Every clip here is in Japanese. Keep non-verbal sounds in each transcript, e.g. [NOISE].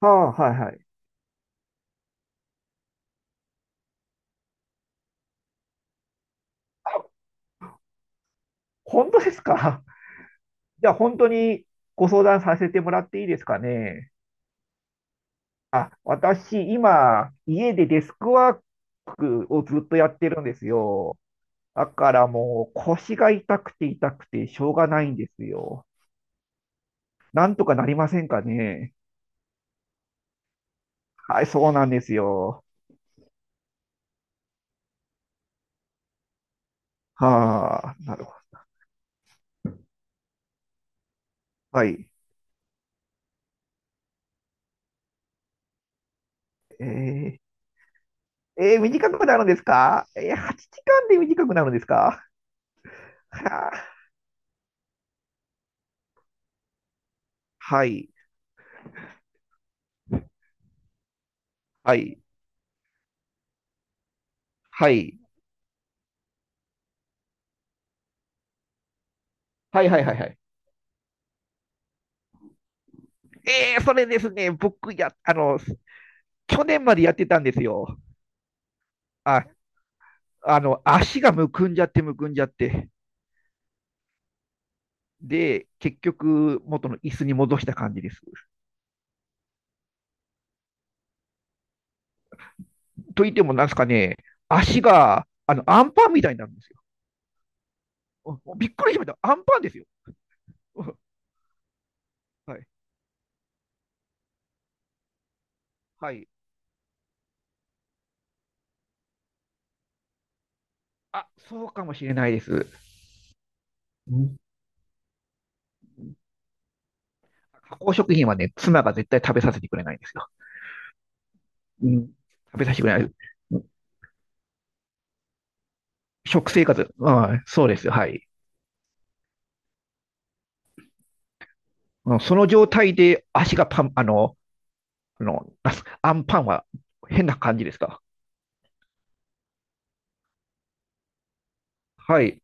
ああ、はいはい。本当ですか？ [LAUGHS] じゃあ本当にご相談させてもらっていいですかね。私、今、家でデスクワークをずっとやってるんですよ。だからもう腰が痛くて痛くてしょうがないんですよ。なんとかなりませんかね？はい、そうなんですよ。はあ、なるほど。はい。えーえー、短くなるんですか？えー、8時間で短くなるんですか？はあ、はい。はい。はい。はい。はい。はい。はい。それですね、僕や、去年までやってたんですよ。あ、足がむくんじゃってむくんじゃって。で、結局、元の椅子に戻した感じです。と言っても、なんですかね、足が、アンパンみたいになるんですよ。うん、びっくりしました。アンパンですよ。[LAUGHS] うん、はい。はい。あ、そうかもしれないです。うん、加工食品はね、妻が絶対食べさせてくれないんですよ。うん、食べさせてくれない。うん、食生活、うん、そうです。はい。うん、その状態で足がパン、あの、あの、[LAUGHS] アンパンは変な感じですか？はい。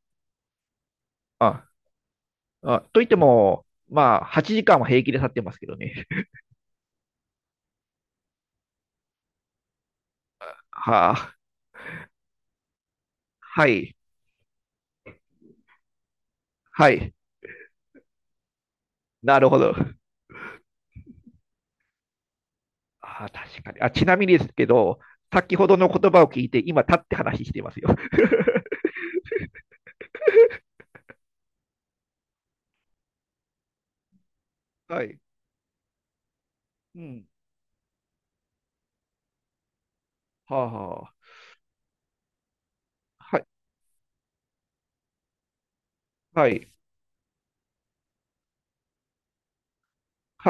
あ、あ、と言っても、まあ、8時間は平気で経ってますけどね。[LAUGHS] はあ、はい、はい。なるほど。あ、確かに。あ、ちなみにですけど、先ほどの言葉を聞いて、今、立って話していますよ。[LAUGHS] はい。うん。はあ、はあ。はい、は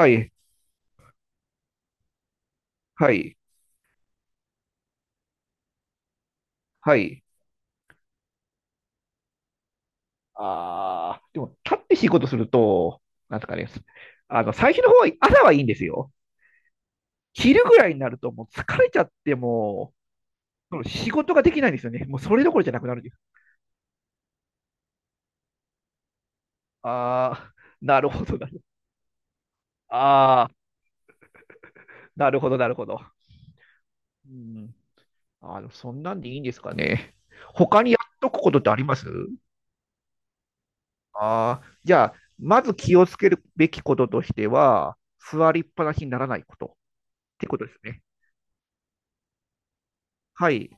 い、はい、はい。ああー、でも、立って仕事すると、なんですかね、最初の方は、朝はいいんですよ。昼ぐらいになると、もう疲れちゃってもう、仕事ができないんですよね。もうそれどころじゃなくなるんです。ああ、なるほど。ああ、なるほど、なるほど。うん。そんなんでいいんですかね。他にやっとくことってありますああー、じゃあ、まず気をつけるべきこととしては、座りっぱなしにならないことってことですね。はい。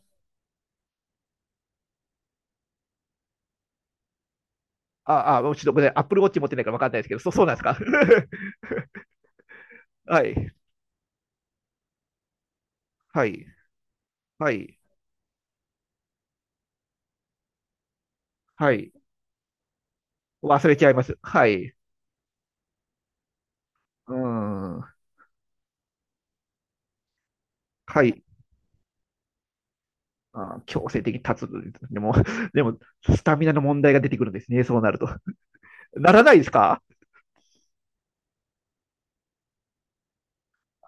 ああ、もうちょっとごめんなさい。Apple Watch 持ってないから分かんないですけど、そうなんですか？ [LAUGHS] はい。はい。はい。はい。忘れちゃいます。はい。うん。はい。あー、強制的に立つ。でも、[LAUGHS] でも、スタミナの問題が出てくるんですね。そうなると。[LAUGHS] ならないですか？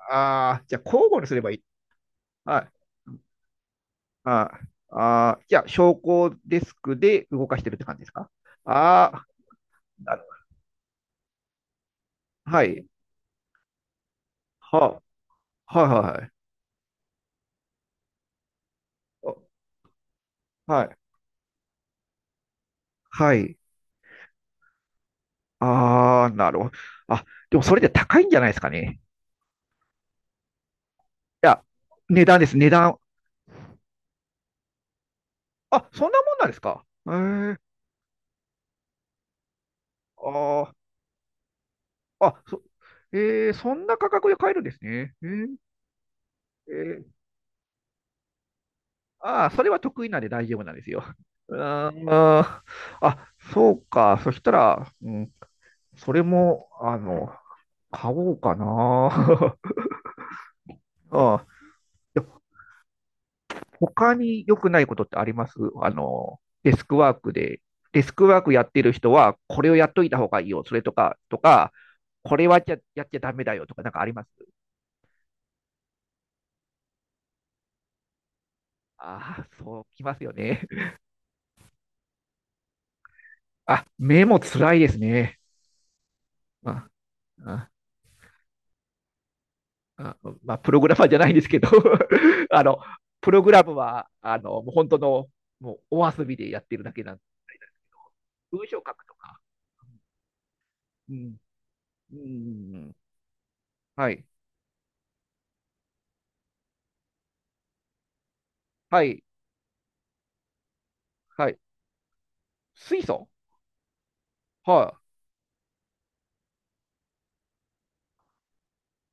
ああー、じゃあ交互にすればいい。はい。あーじゃあ、昇降デスクで動かしてるって感じですか？ああー、はい。は、はいはいはい。おはい。ああ、なるほど。あ、でもそれで高いんじゃないですかね。いや、値段です、値段。あ、そんなもんなんですか。へえ。ああ、あ、そ、えー、そんな価格で買えるんですね。えーああ、それは得意なんで大丈夫なんですよ。あー、あそうか。そしたら、うん、それも、買おうかな。[LAUGHS] あー、他に良くないことってありますデスクワークで、デスクワークやってる人は、これをやっといた方がいいよ。それとか、これはやっちゃダメだよとか、なんかありますああー、そうきますよね。あ、目も辛いですね。まあ、ああまあ、プログラマーじゃないんですけど。 [LAUGHS] あの、プログラムは、もう本当の、もうお遊びでやってるだけなんで、文章書くとか。うん、うん、はい、はい、はい。水素。はい。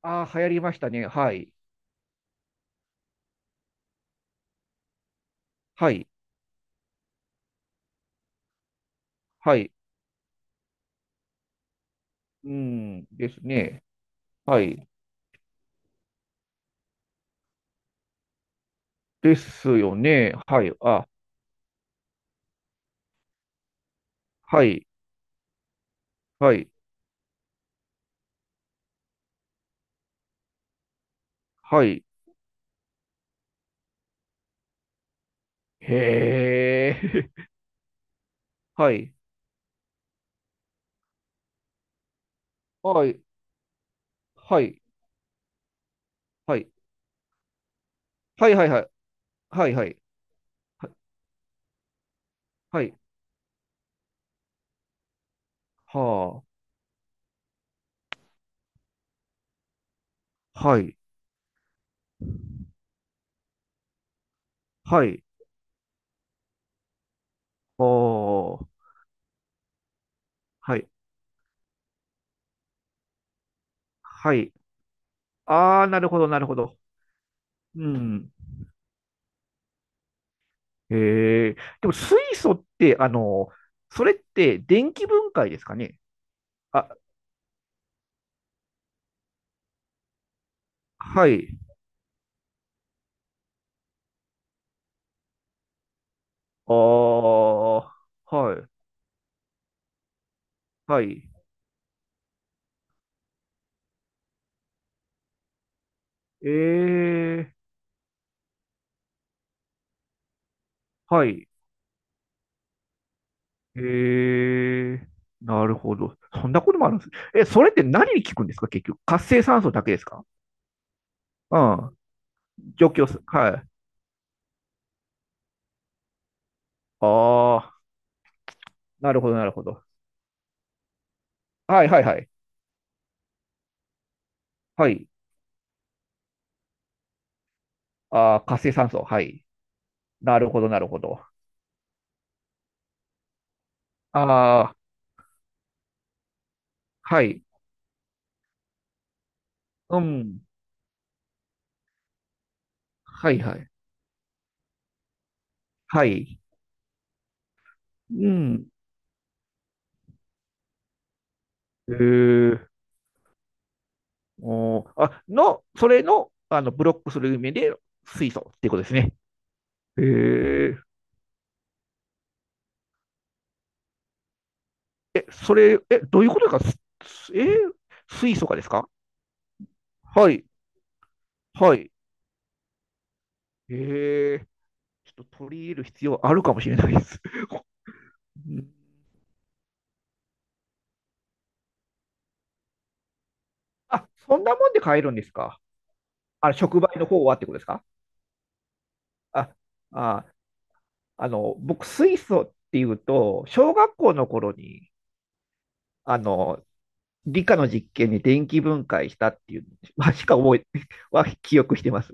ああ、流行りましたね。はい、はい、はい。うん、ですね。はい。ですよね。はい、あ、はい、はい、はい。へえ。[LAUGHS] はい、はい、はい、はい、はい、はい、はい、はい、はい。はい。はあ。はい。はい。おー。はい。はい。ああ、なるほど、なるほど。うん。へえ。でも、水素って、それって電気分解ですかね？あ、はい。ああ、はい。はい。ええ、はい。ええ、なるほど。そんなこともあるんです。え、それって何に効くんですか結局。活性酸素だけですか？うん。除去す。はい。ああ、なるほど、なるほど。はいはいはい。はい。ああ、活性酸素。はい。なるほど、なるほど。ああ、はい。うん。はいはい。はい。うん。えー、おー、あ、の、それの、あの、ブロックする意味で水素っていうことですね。えー、え、それ、え、どういうことですかすえー水素化ですか？はい。はい。えー、ちょっと取り入れる必要あるかもしれないです。[LAUGHS] うん、あ、そんなもんで買えるんですか？あ、触媒の方はってことですか？あ、あ、僕、水素っていうと、小学校の頃に、あの、理科の実験に電気分解したっていう、まあしか覚え、[LAUGHS] は記憶してます。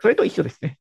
それと一緒ですね。